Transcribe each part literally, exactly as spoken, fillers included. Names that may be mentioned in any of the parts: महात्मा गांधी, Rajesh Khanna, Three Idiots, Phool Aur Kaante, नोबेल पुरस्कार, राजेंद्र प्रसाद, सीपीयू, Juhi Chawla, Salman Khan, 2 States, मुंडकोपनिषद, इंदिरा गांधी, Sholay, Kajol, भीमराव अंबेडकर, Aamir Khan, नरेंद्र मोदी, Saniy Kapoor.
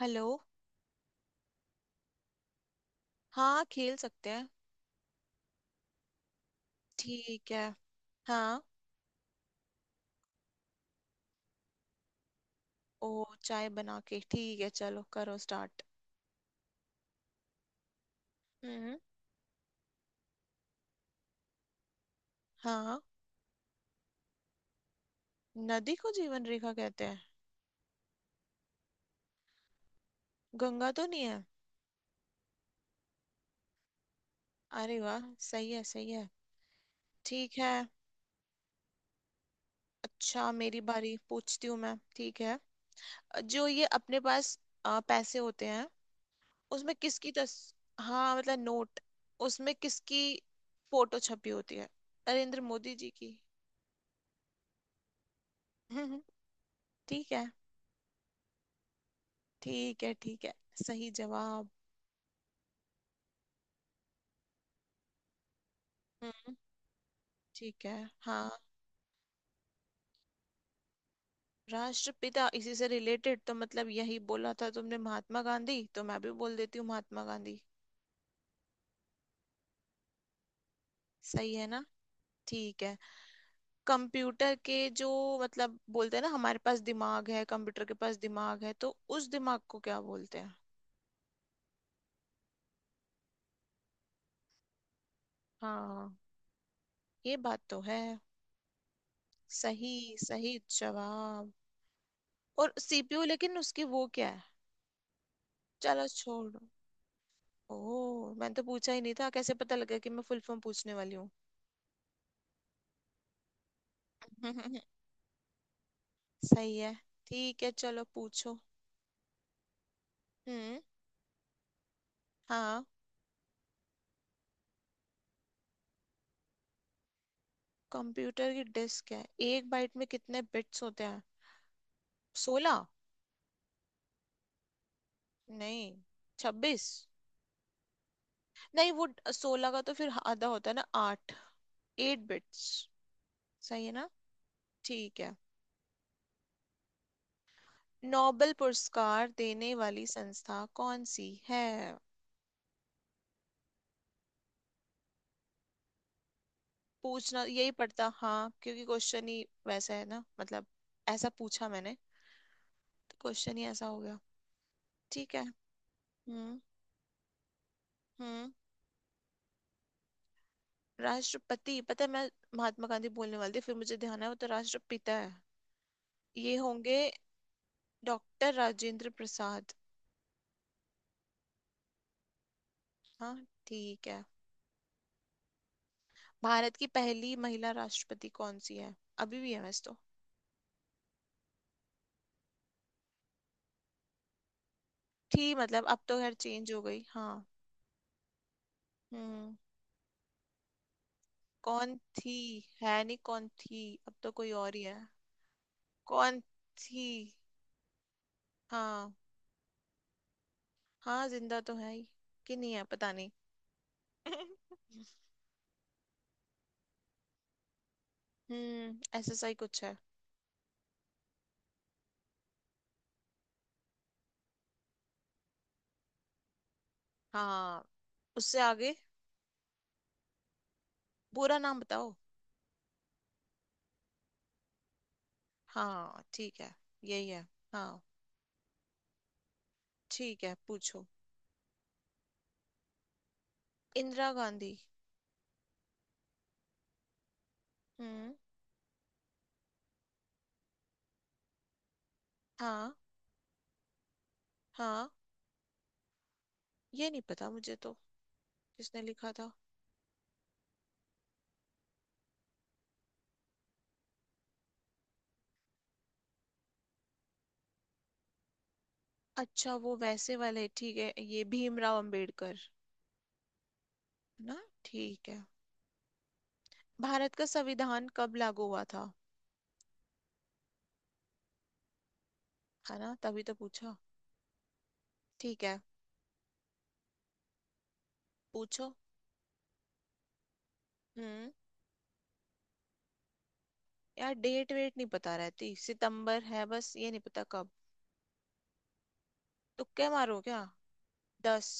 Hello. हाँ, खेल सकते हैं। ठीक है। हाँ। ओ, चाय बना के ठीक है, चलो करो स्टार्ट। हम्म। हाँ। नदी को जीवन रेखा कहते हैं? गंगा तो नहीं है? अरे वाह! सही है, सही है। ठीक है। अच्छा, मेरी बारी, पूछती हूँ मैं, ठीक है। जो ये अपने पास अ, पैसे होते हैं, उसमें किसकी तस हाँ, मतलब नोट, उसमें किसकी फोटो छपी होती है? नरेंद्र मोदी जी की। ठीक है। ठीक है। ठीक है, सही जवाब। हम्म। ठीक है। हाँ। राष्ट्रपिता? इसी से रिलेटेड तो, मतलब यही बोला था तुमने महात्मा गांधी, तो मैं भी बोल देती हूँ महात्मा गांधी। सही है ना? ठीक है। कंप्यूटर के जो, मतलब, बोलते हैं ना हमारे पास दिमाग है, कंप्यूटर के पास दिमाग है, तो उस दिमाग को क्या बोलते हैं? हाँ, ये बात तो है सही। सही जवाब। और सीपीयू, लेकिन उसकी वो क्या है? चलो छोड़। ओह, मैंने तो पूछा ही नहीं था, कैसे पता लगा कि मैं फुल फॉर्म पूछने वाली हूँ? सही है। ठीक है, चलो पूछो। हम्म। हाँ। कंप्यूटर की डिस्क है, एक बाइट में कितने बिट्स होते हैं? सोलह? नहीं। छब्बीस? नहीं, वो सोलह का तो फिर आधा होता है ना, आठ। Eight bits. सही है ना? ठीक है। नोबेल पुरस्कार देने वाली संस्था कौन सी है? पूछना यही पड़ता, हाँ, क्योंकि क्वेश्चन ही वैसा है ना, मतलब ऐसा पूछा मैंने, क्वेश्चन ही ऐसा हो गया। ठीक है। हम्म। हम्म। राष्ट्रपति पता है मैं। महात्मा गांधी बोलने वाली थी, फिर मुझे ध्यान आया वो तो राष्ट्रपिता है, ये होंगे डॉक्टर राजेंद्र प्रसाद। हाँ। ठीक है। भारत की पहली महिला राष्ट्रपति कौन सी है? अभी भी है वैसे तो। थी, मतलब अब तो खैर चेंज हो गई, हाँ। हम्म। कौन थी? है नहीं, कौन थी? अब तो कोई और ही है। कौन थी? हाँ। हाँ, जिंदा तो है ही। कि नहीं है, पता नहीं। हम्म, एसएसआई कुछ है। हाँ, उससे आगे, पूरा नाम बताओ। हाँ ठीक है, यही है। हाँ। ठीक है, पूछो। इंदिरा गांधी। हम्म। हाँ। हाँ, ये नहीं पता मुझे तो। किसने लिखा था? अच्छा, वो वैसे वाले, ठीक है, ये भीमराव अंबेडकर। है ना? ठीक है। भारत का संविधान कब लागू हुआ था? है ना, तभी तो पूछा। ठीक है, पूछो। हम्म। यार, डेट वेट नहीं पता रहती, सितंबर है बस, ये नहीं पता कब। तुक्के मारो क्या? दस।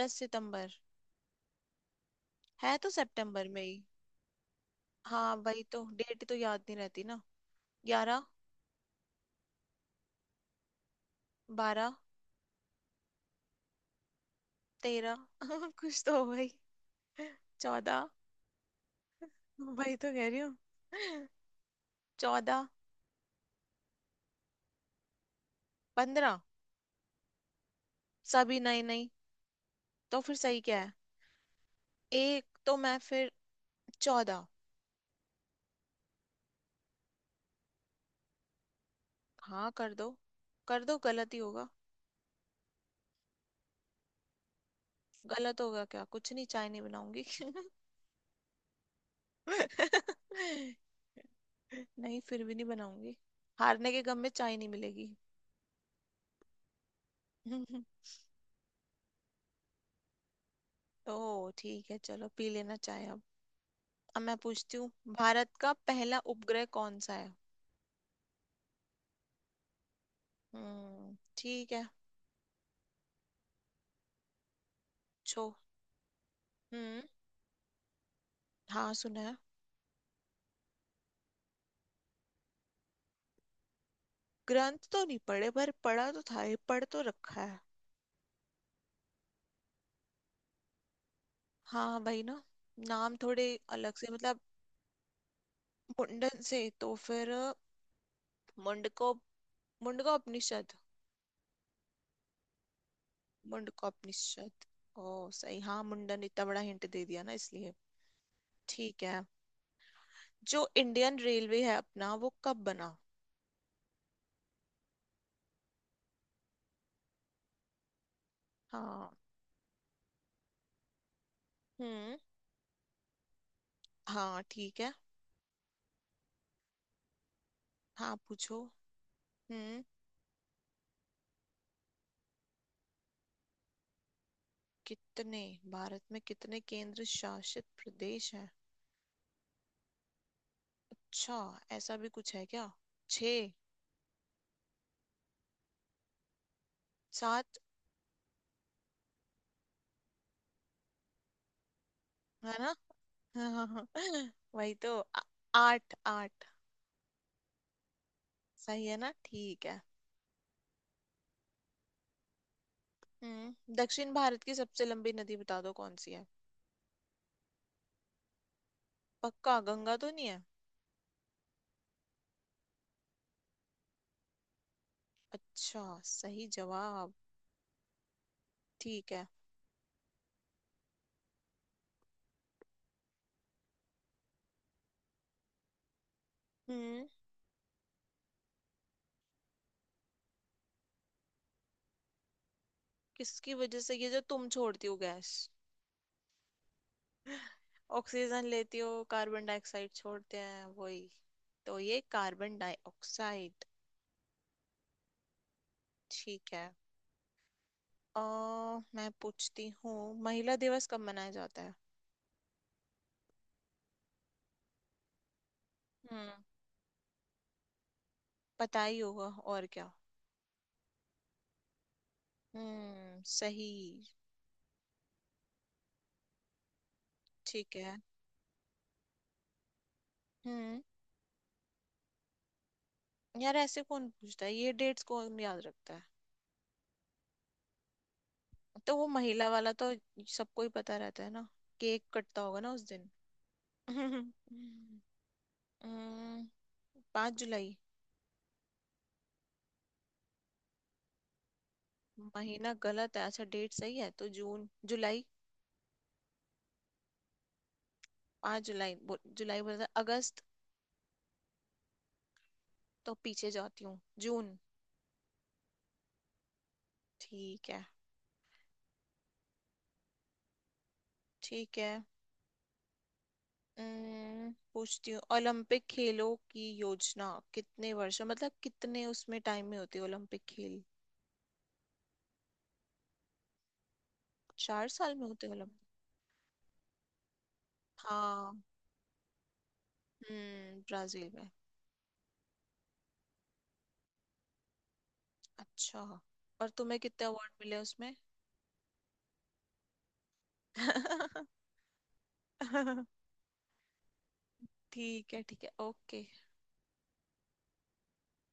दस सितंबर। है तो सितंबर में ही। हाँ, वही तो, डेट तो याद नहीं रहती ना। ग्यारह। बारह। तेरह। कुछ तो हो भाई। चौदह। वही तो कह रही हूँ। चौदह। पंद्रह। सभी नहीं, नहीं, तो फिर सही क्या है? एक तो मैं फिर चौदह। हाँ कर दो, कर दो, गलत ही होगा। गलत होगा क्या? कुछ नहीं, चाय नहीं बनाऊंगी। नहीं, फिर भी नहीं बनाऊंगी। हारने के गम में चाय नहीं मिलेगी। ओ, ठीक है, चलो पी लेना चाय अब। अब मैं पूछती हूँ, भारत का पहला उपग्रह कौन सा है? हम्म। ठीक है। छो हम्म। हाँ, सुना है। ग्रंथ तो नहीं पढ़े, पर पढ़ा तो था, ये पढ़ तो रखा है। हाँ भाई ना, नाम थोड़े अलग से, मतलब। मुंडन से, तो फिर मुंडको मुंडकोपनिषद। मुंडकोपनिषद। ओ सही, हाँ, मुंडन इतना बड़ा हिंट दे दिया ना इसलिए। ठीक है। जो इंडियन रेलवे है अपना, वो कब बना? हाँ। हम्म। हाँ। ठीक है। हाँ, पूछो। हम्म। कितने भारत में कितने केंद्र शासित प्रदेश हैं? अच्छा, ऐसा भी कुछ है क्या? छः। सात। है ना? वही तो आ- आठ, आठ। सही है ना? ठीक है। हम्म, दक्षिण भारत की सबसे लंबी नदी बता दो कौन सी है। पक्का? गंगा तो नहीं है? अच्छा, सही जवाब। ठीक है। हम्म। किसकी वजह से? ये जो तुम छोड़ती हो गैस, ऑक्सीजन लेती हो, कार्बन डाइऑक्साइड छोड़ते हैं वही। तो ये कार्बन डाइऑक्साइड। ठीक है। अ मैं पूछती हूँ, महिला दिवस कब मनाया जाता है? हम्म, पता ही होगा, और क्या। हम्म, सही। ठीक है। हम्म। यार ऐसे कौन पूछता है, ये डेट्स कौन याद रखता है। तो वो महिला वाला तो सबको ही पता रहता है ना, केक कटता होगा ना उस दिन। हम्म, पांच जुलाई। महीना गलत है? अच्छा, डेट सही है तो, जून जुलाई, पाँच जुलाई बो- जुलाई बोला था, अगस्त? तो पीछे जाती हूँ, जून। ठीक है। ठीक है। अम्म, पूछती हूँ, ओलंपिक खेलों की योजना, कितने वर्षों मतलब कितने उसमें टाइम में होते हैं ओलंपिक खेल? चार साल में होते हैं ओलंपिक? हाँ। हम्म, ब्राजील में। अच्छा, और तुम्हें कितने अवार्ड मिले उसमें? ठीक है। ठीक है, ओके।